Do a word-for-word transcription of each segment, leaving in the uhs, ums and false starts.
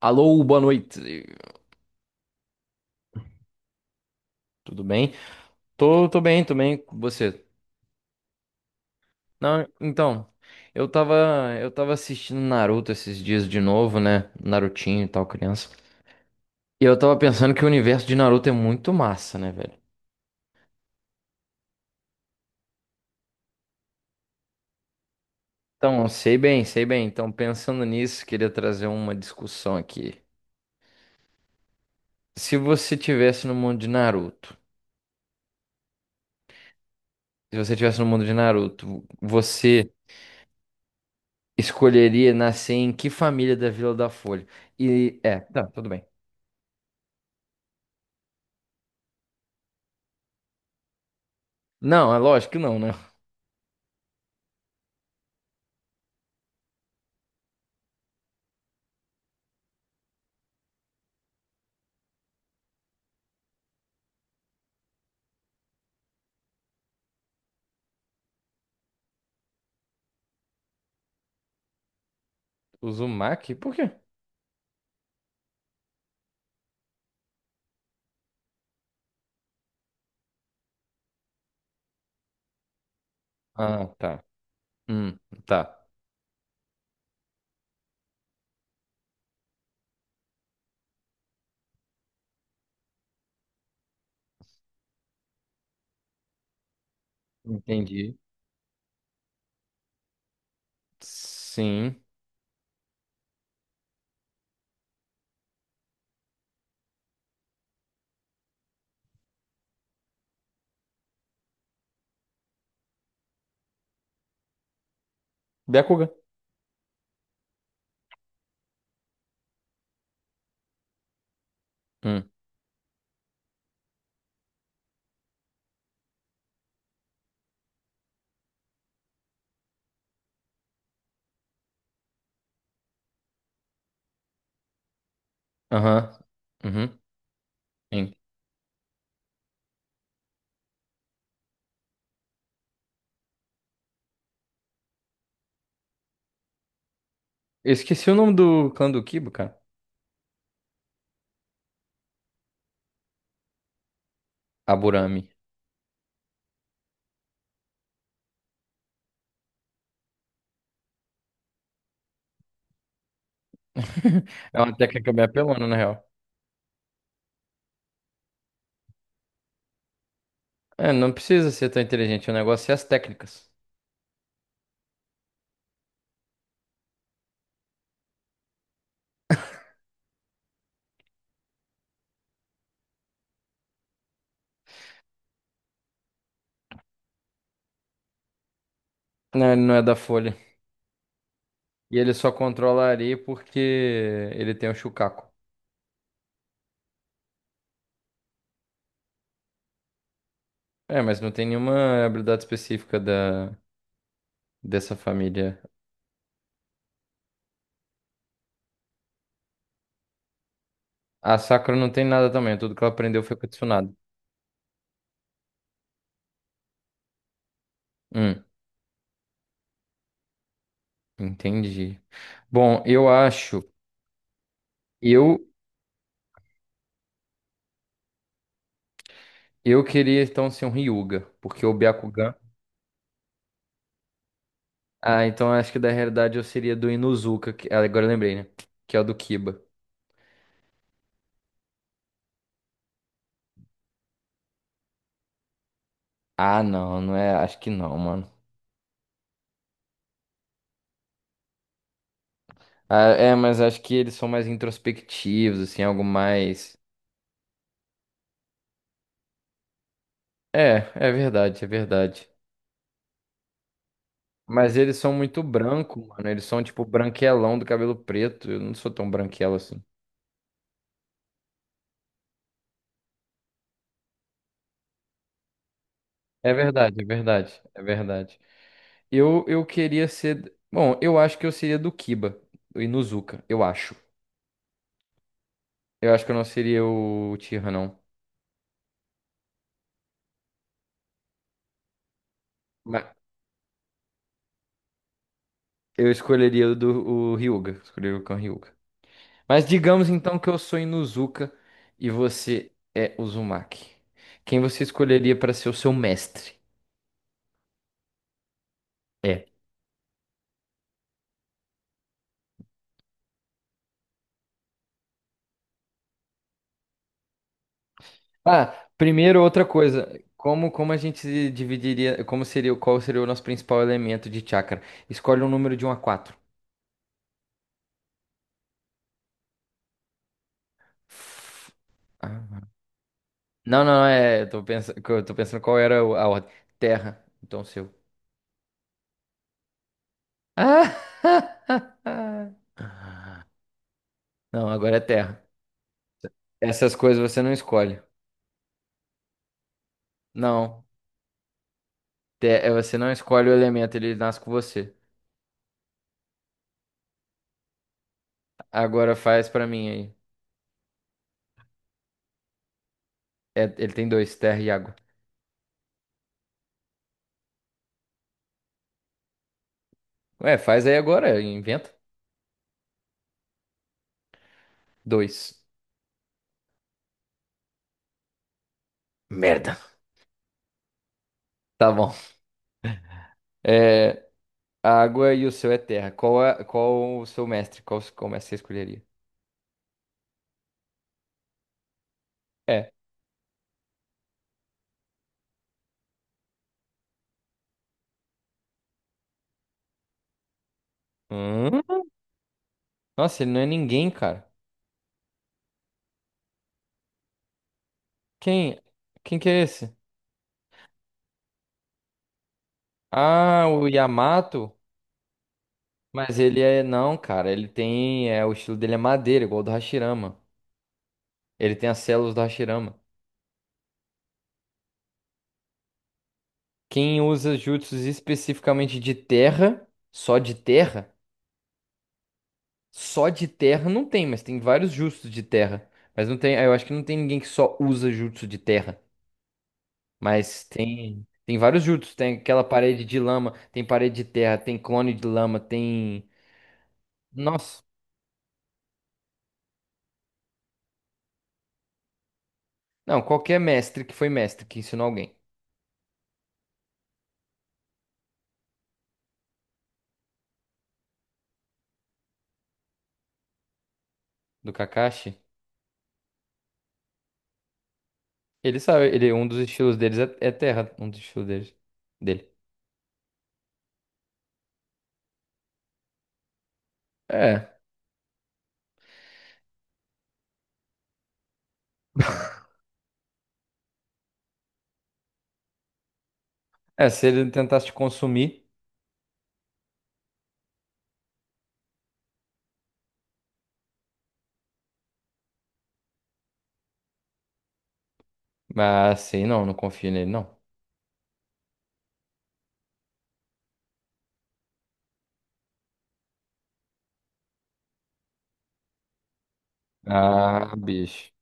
Alô, boa noite. Tudo bem? Tô, tô bem, tô bem. Você? Não, então, eu tava, eu tava assistindo Naruto esses dias de novo, né? Narutinho e tal, criança. E eu tava pensando que o universo de Naruto é muito massa, né, velho? Então, sei bem, sei bem. Então, pensando nisso, queria trazer uma discussão aqui. Se você tivesse no mundo de Naruto, Se você tivesse no mundo de Naruto, você escolheria nascer em que família da Vila da Folha? E é, tá, tudo bem. Não, é lógico que não, né? Uzumaki? Por quê? Ah, tá. Hum, tá. Entendi. Sim. Byakugan. Hum. Aham. Uhum. Sim. Eu esqueci o nome do clã do Kibo, cara. Aburami. É uma técnica bem apelona, na real. É, não precisa ser tão inteligente. O negócio é as técnicas. Não, ele não é da Folha. E ele só controla a areia porque ele tem o Shukaku. É, mas não tem nenhuma habilidade específica da dessa família. A Sakura não tem nada também. Tudo que ela aprendeu foi com a Tsunade. Hum. Entendi. Bom, eu acho. Eu eu queria então ser um Ryuga, porque o Byakugan. Ah, então acho que da realidade eu seria do Inuzuka, que ah, agora eu lembrei, né? Que é o do Kiba. Ah, não, não é. Acho que não, mano. Ah, é, mas acho que eles são mais introspectivos, assim, algo mais. É, é verdade, é verdade. Mas eles são muito branco, mano. Eles são tipo branquelão do cabelo preto. Eu não sou tão branquelo assim. É verdade, é verdade, é verdade. Eu, eu queria ser. Bom, eu acho que eu seria do Kiba, do Inuzuka, eu acho. Eu acho que eu não seria o Tira não. Mas eu escolheria o do o Ryuga. Escolheria o Cão Ryuga. Mas digamos então que eu sou Inuzuka e você é Uzumaki. Quem você escolheria para ser o seu mestre? É. Ah, primeiro outra coisa. Como, como a gente dividiria. Como seria, qual seria o nosso principal elemento de chakra? Escolhe um número de um a quatro. Não, não, é. Eu tô pensando, eu tô pensando qual era o- a ordem. Terra, então seu. Ah! Não, agora é terra. Essas coisas você não escolhe. Não. Te- é, você não escolhe o elemento, ele nasce com você. Agora faz pra mim aí. É, ele tem dois, terra e água. Ué, faz aí agora, inventa. Dois. Merda. Tá bom. É, a água e o seu é terra. Qual, é, qual o seu mestre? Qual, qual mestre você escolheria? É. Hum? Nossa, ele não é ninguém, cara. Quem? Quem que é esse? Ah, o Yamato. Mas ele é. Não, cara. Ele tem. É, o estilo dele é madeira, igual o do Hashirama. Ele tem as células do Hashirama. Quem usa jutsus especificamente de terra, só de terra, só de terra não tem, mas tem vários jutsus de terra. Mas não tem. Eu acho que não tem ninguém que só usa jutsu de terra. Mas tem. Tem vários jutsus. Tem aquela parede de lama, tem parede de terra, tem clone de lama, tem. Nossa. Não, qualquer mestre que foi mestre, que ensinou alguém do Kakashi, ele sabe, ele, um dos estilos deles é, é terra, um dos estilos deles, dele. É, é, se ele tentasse te consumir, mas assim, não, não confio nele, não. Ah, bicho.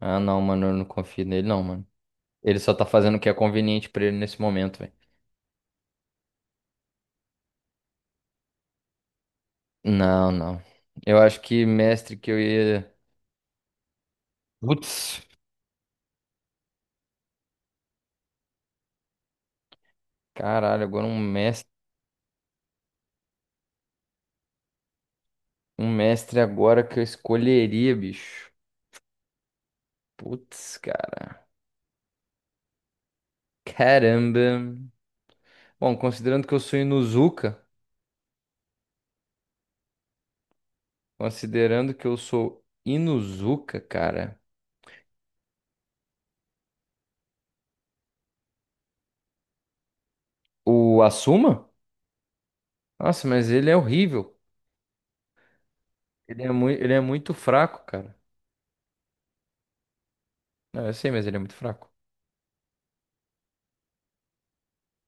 Ah, não, mano, eu não confio nele, não, mano. Ele só tá fazendo o que é conveniente pra ele nesse momento, velho. Não, não. Eu acho que mestre que eu ia. Putz, caralho, agora um mestre, um mestre agora que eu escolheria, bicho. Putz, cara. Caramba. Bom, considerando que eu sou Inuzuka, considerando que eu sou Inuzuka, cara, o Asuma? Nossa, mas ele é horrível. Ele é, muito ele é muito fraco, cara. Não, eu sei, mas ele é muito fraco.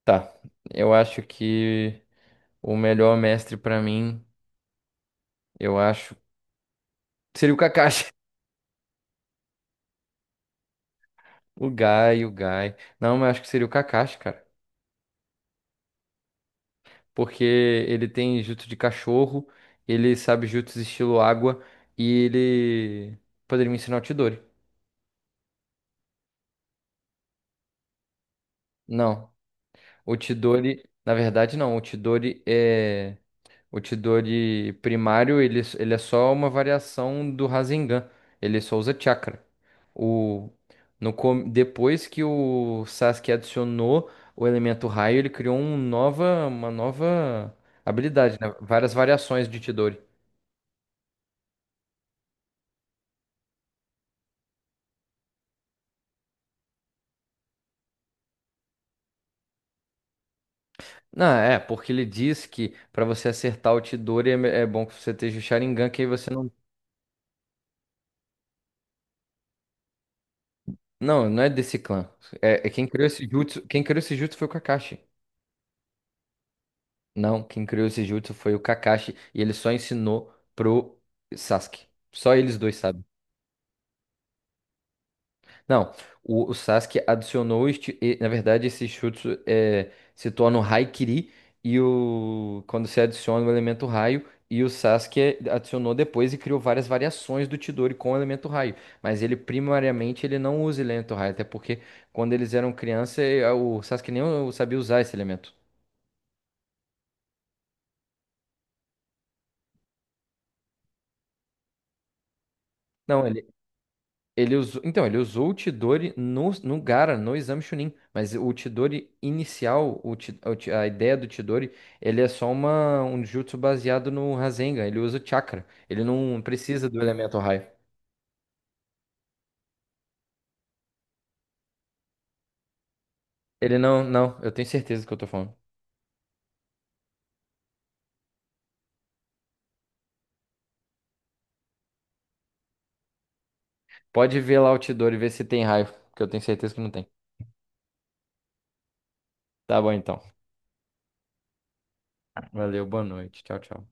Tá, eu acho que o melhor mestre pra mim, eu acho, seria o Kakashi. O Gai, o Gai. Não, mas acho que seria o Kakashi, cara. Porque ele tem jutsu de cachorro, ele sabe jutsu estilo água e ele poderia me ensinar o Chidori. Não. O Tidori, na verdade, não. O Tidori é. O Tidori primário, ele, ele é só uma variação do Rasengan. Ele só usa chakra. O, no, com- depois que o Sasuke adicionou o elemento raio, ele criou um nova, uma nova habilidade, né? Várias variações de Tidori. Não, é, porque ele diz que para você acertar o Tidori é, me- é bom que você esteja o Sharingan, que aí você não. Não, não é desse clã. É, é quem criou esse jutsu, quem criou esse jutsu foi o Kakashi. Não, quem criou esse jutsu foi o Kakashi e ele só ensinou pro Sasuke. Só eles dois sabem. Não, o, o Sasuke adicionou este, e, na verdade esse jutsu é, se torna o Haikiri e o quando se adiciona o elemento raio e o Sasuke adicionou depois e criou várias variações do Chidori com o elemento raio, mas ele primariamente ele não usa elemento raio, até porque quando eles eram criança eh, o Sasuke nem sabia usar esse elemento. Não, Ele usou, então, ele usou o Chidori no, no Gaara, no exame Chunin, mas o Chidori inicial, o, Chi- o Chi- a ideia do Chidori, ele é só uma, um jutsu baseado no Rasengan, ele usa o chakra, ele não precisa do elemento raio. Ele não, não, eu tenho certeza do que eu tô falando. Pode ver lá o Chidori e ver se tem raio, porque eu tenho certeza que não tem. Tá bom então. Valeu, boa noite. Tchau, tchau.